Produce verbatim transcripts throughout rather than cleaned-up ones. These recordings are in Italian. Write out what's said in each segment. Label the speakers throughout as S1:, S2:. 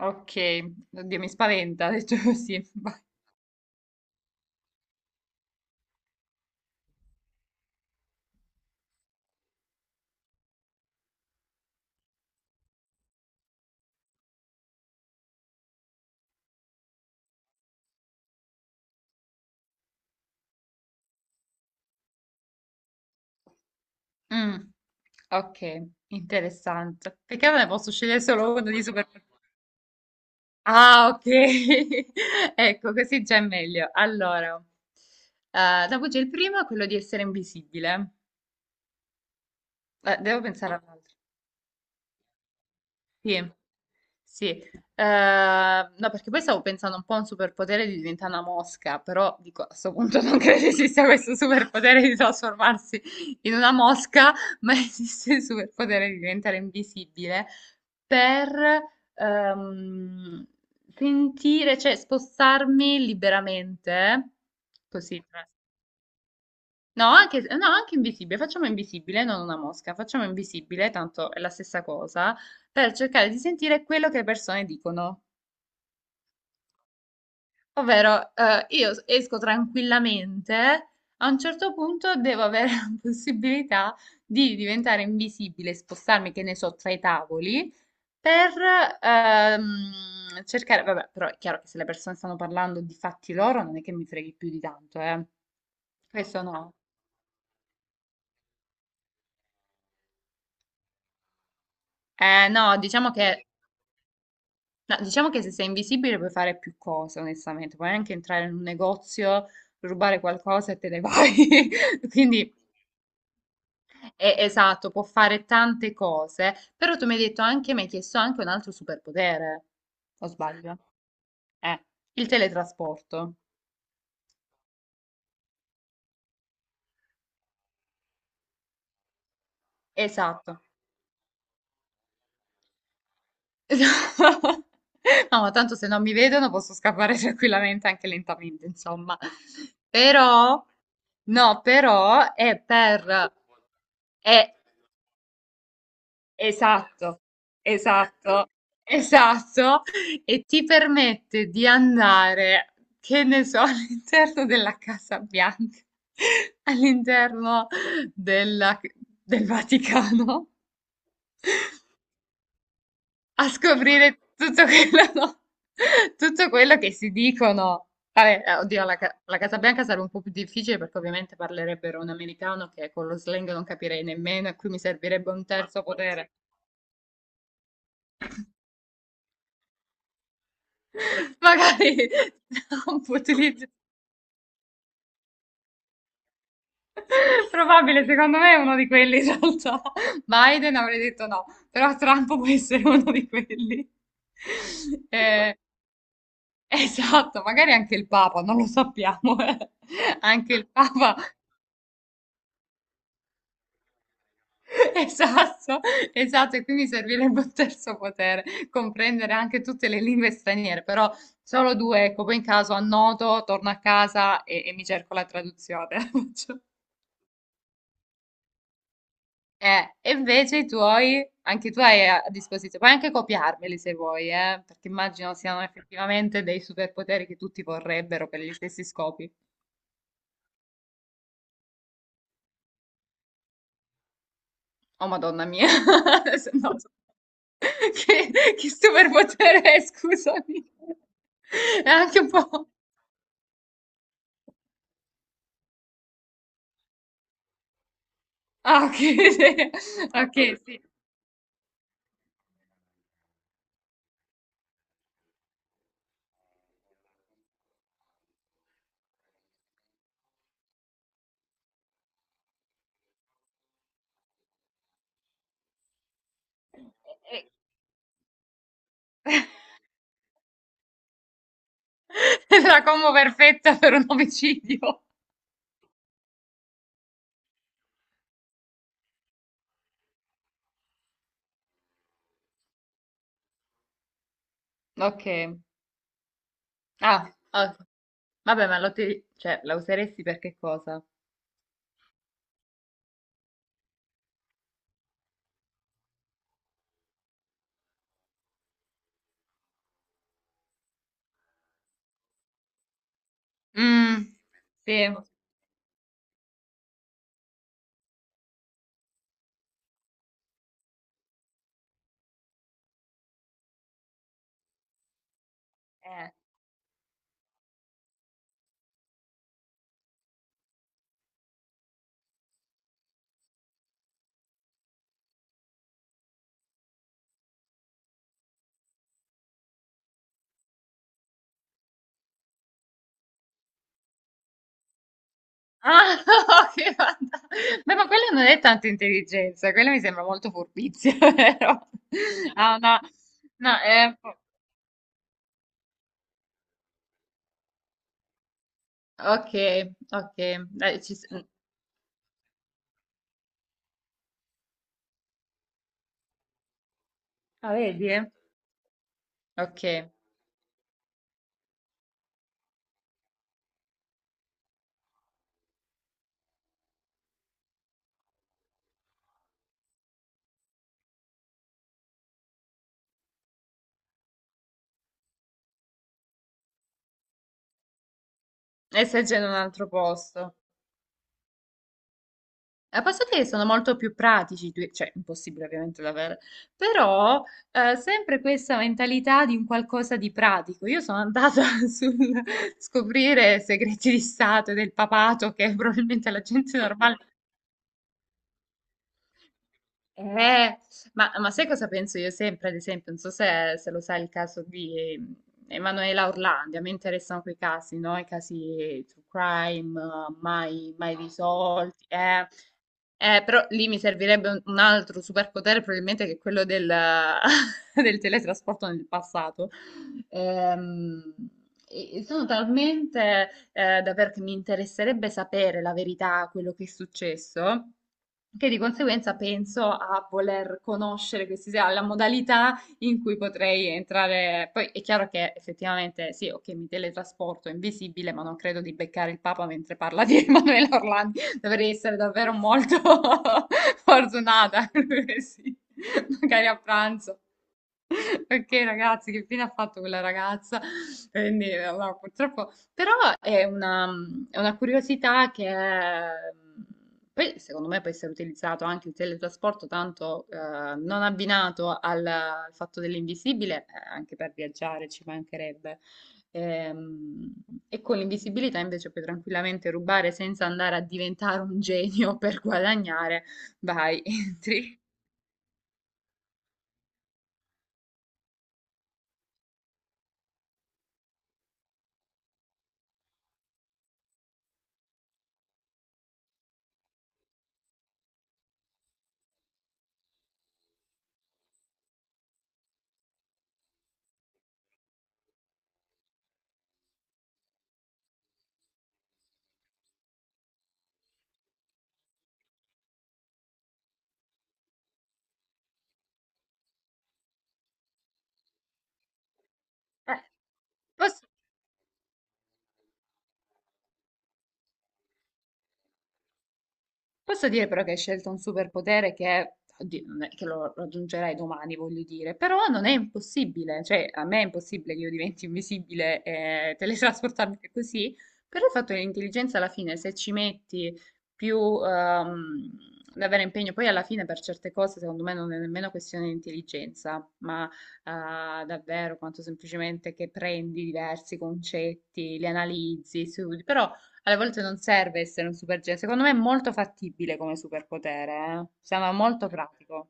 S1: Ok, oddio, mi spaventa, detto così. Vai. Mm, ok, interessante. Perché non ne posso scegliere solo uno di super... Ah, ok. Ecco, così già è meglio. Allora, eh, dopo c'è il primo, quello di essere invisibile. Eh, devo pensare all'altro. Sì, sì. Eh, no, perché poi stavo pensando un po' a un superpotere di diventare una mosca, però dico, a questo punto non credo esista questo superpotere di trasformarsi in una mosca, ma esiste il superpotere di diventare invisibile per ehm, sentire, cioè spostarmi liberamente, così. No, anche, no, anche invisibile, facciamo invisibile, non una mosca, facciamo invisibile, tanto è la stessa cosa, per cercare di sentire quello che le persone dicono. Ovvero, eh, io s- esco tranquillamente, a un certo punto devo avere la possibilità di diventare invisibile, spostarmi, che ne so, tra i tavoli, per ehm, cercare, vabbè, però è chiaro che se le persone stanno parlando di fatti loro, non è che mi freghi più di tanto, eh. Questo no. Eh, no, diciamo che... No, diciamo che se sei invisibile puoi fare più cose, onestamente. Puoi anche entrare in un negozio, rubare qualcosa e te ne vai. Quindi, è- esatto, può fare tante cose. Però tu mi hai detto anche, mi hai chiesto anche un altro superpotere. O sbaglio? Eh, il teletrasporto. Esatto. No, ma tanto se non mi vedono posso scappare tranquillamente, anche lentamente, insomma. Però, no, però è per... È, Esatto, esatto, esatto, e ti permette di andare, che ne so, all'interno della Casa Bianca, all'interno della- del Vaticano, a scoprire tutto quello, no, tutto quello che si dicono. Vabbè, eh, oddio, la, Ca- la Casa Bianca sarebbe un po' più difficile perché ovviamente parlerebbero un americano che con lo slang non capirei nemmeno e qui mi servirebbe un terzo potere. Magari Trump utilizza... Probabile, secondo me è uno di quelli in realtà. Biden avrei detto no, però Trump può essere uno di quelli. Eh, esatto, magari anche il Papa, non lo sappiamo, eh. Anche il Papa, esatto, esatto, e quindi servirebbe un terzo potere, comprendere anche tutte le lingue straniere, però solo due, ecco, poi in caso annoto, torno a casa e, e mi cerco la traduzione. Eh, e invece i tuoi, anche tu hai a a disposizione, puoi anche copiarmeli se vuoi, eh, perché immagino siano effettivamente dei superpoteri che tutti vorrebbero per gli stessi scopi. Oh, Madonna mia, se no, so- che, che superpotere è, scusami. È anche un po'... Ah, ok, sì. Ok, sì. Eh, eh. La combo perfetta per un omicidio. Ok. Ah, ok. Vabbè, ma lo te- cioè, la useresti per che cosa? Mh, sì. Cos eh. Ah, che fanta beh, ma quella non è tanta intelligenza, quella mi sembra molto furbizia, vero? Ah, no, no, è po okay, okay, dai, ci s mh, ah, vedi? Okay, e stai già in un altro posto. A posso dire che sono molto più pratici, i tuoi- cioè impossibile ovviamente da avere, però eh, sempre questa mentalità di un qualcosa di pratico. Io sono andata sul scoprire segreti di Stato e del papato che probabilmente la gente normale eh, ma, ma sai cosa penso io sempre, ad esempio, non so se, se lo sai il caso di eh, Emanuela Orlandi, a me interessano quei casi, no? I casi true crime, eh, mai, mai risolti. Eh, Eh, però lì mi servirebbe un un altro superpotere, probabilmente che è quello del, del teletrasporto nel passato. Ehm, e- e sono talmente eh, da perché mi interesserebbe sapere la verità, quello che è successo, che di conseguenza penso a voler conoscere questi, la modalità in cui potrei entrare. Poi è chiaro che effettivamente sì, ok, mi teletrasporto invisibile, ma non credo di beccare il Papa mentre parla di Emanuele Orlandi. Dovrei essere davvero molto fortunata. Sì, magari a pranzo. Ok, ragazzi, che fine ha fatto quella ragazza? Quindi, no, purtroppo. Però è una, è una curiosità che è- poi, secondo me può essere utilizzato anche il teletrasporto, tanto eh, non abbinato al, al fatto dell'invisibile, eh, anche per viaggiare ci mancherebbe. Ehm, E, con l'invisibilità invece puoi tranquillamente rubare senza andare a diventare un genio per guadagnare. Vai, entri. Eh, posso- Posso dire però che hai scelto un superpotere che, oddio, non è che lo raggiungerai domani, voglio dire, però non è impossibile, cioè a me è impossibile che io diventi invisibile e teletrasportarmi così, però il fatto che l'intelligenza alla fine, se ci metti più ehm, davvero impegno, poi alla fine per certe cose secondo me non è nemmeno questione di intelligenza, ma ah, davvero quanto semplicemente che prendi diversi concetti, li analizzi, studi, però alle volte non serve essere un supergenio. Secondo me è molto fattibile come superpotere, eh. Sembra molto pratico.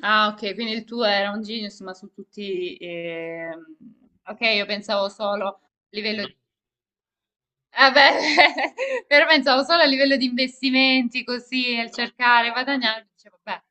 S1: Ah, ok, quindi il tuo era un genius, ma su tutti... ehm, ok, io pensavo solo a livello di... Ah, beh, però pensavo solo a livello di investimenti, così, nel cercare, guadagnare, dicevo, beh.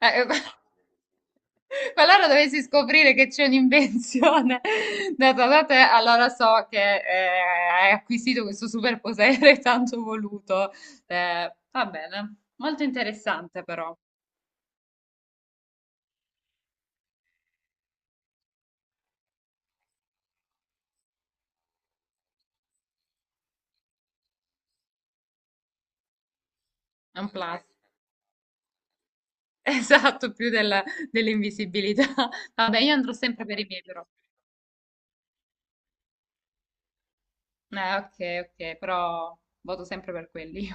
S1: Eh, eh, Qualora dovessi scoprire che c'è un'invenzione data da te, allora so che eh, hai acquisito questo superpotere tanto voluto. Eh, va bene, molto interessante però, è un plus. Esatto, più della- dell'invisibilità. Vabbè, io andrò sempre per i miei però. Eh, ok, ok, però voto sempre per quelli.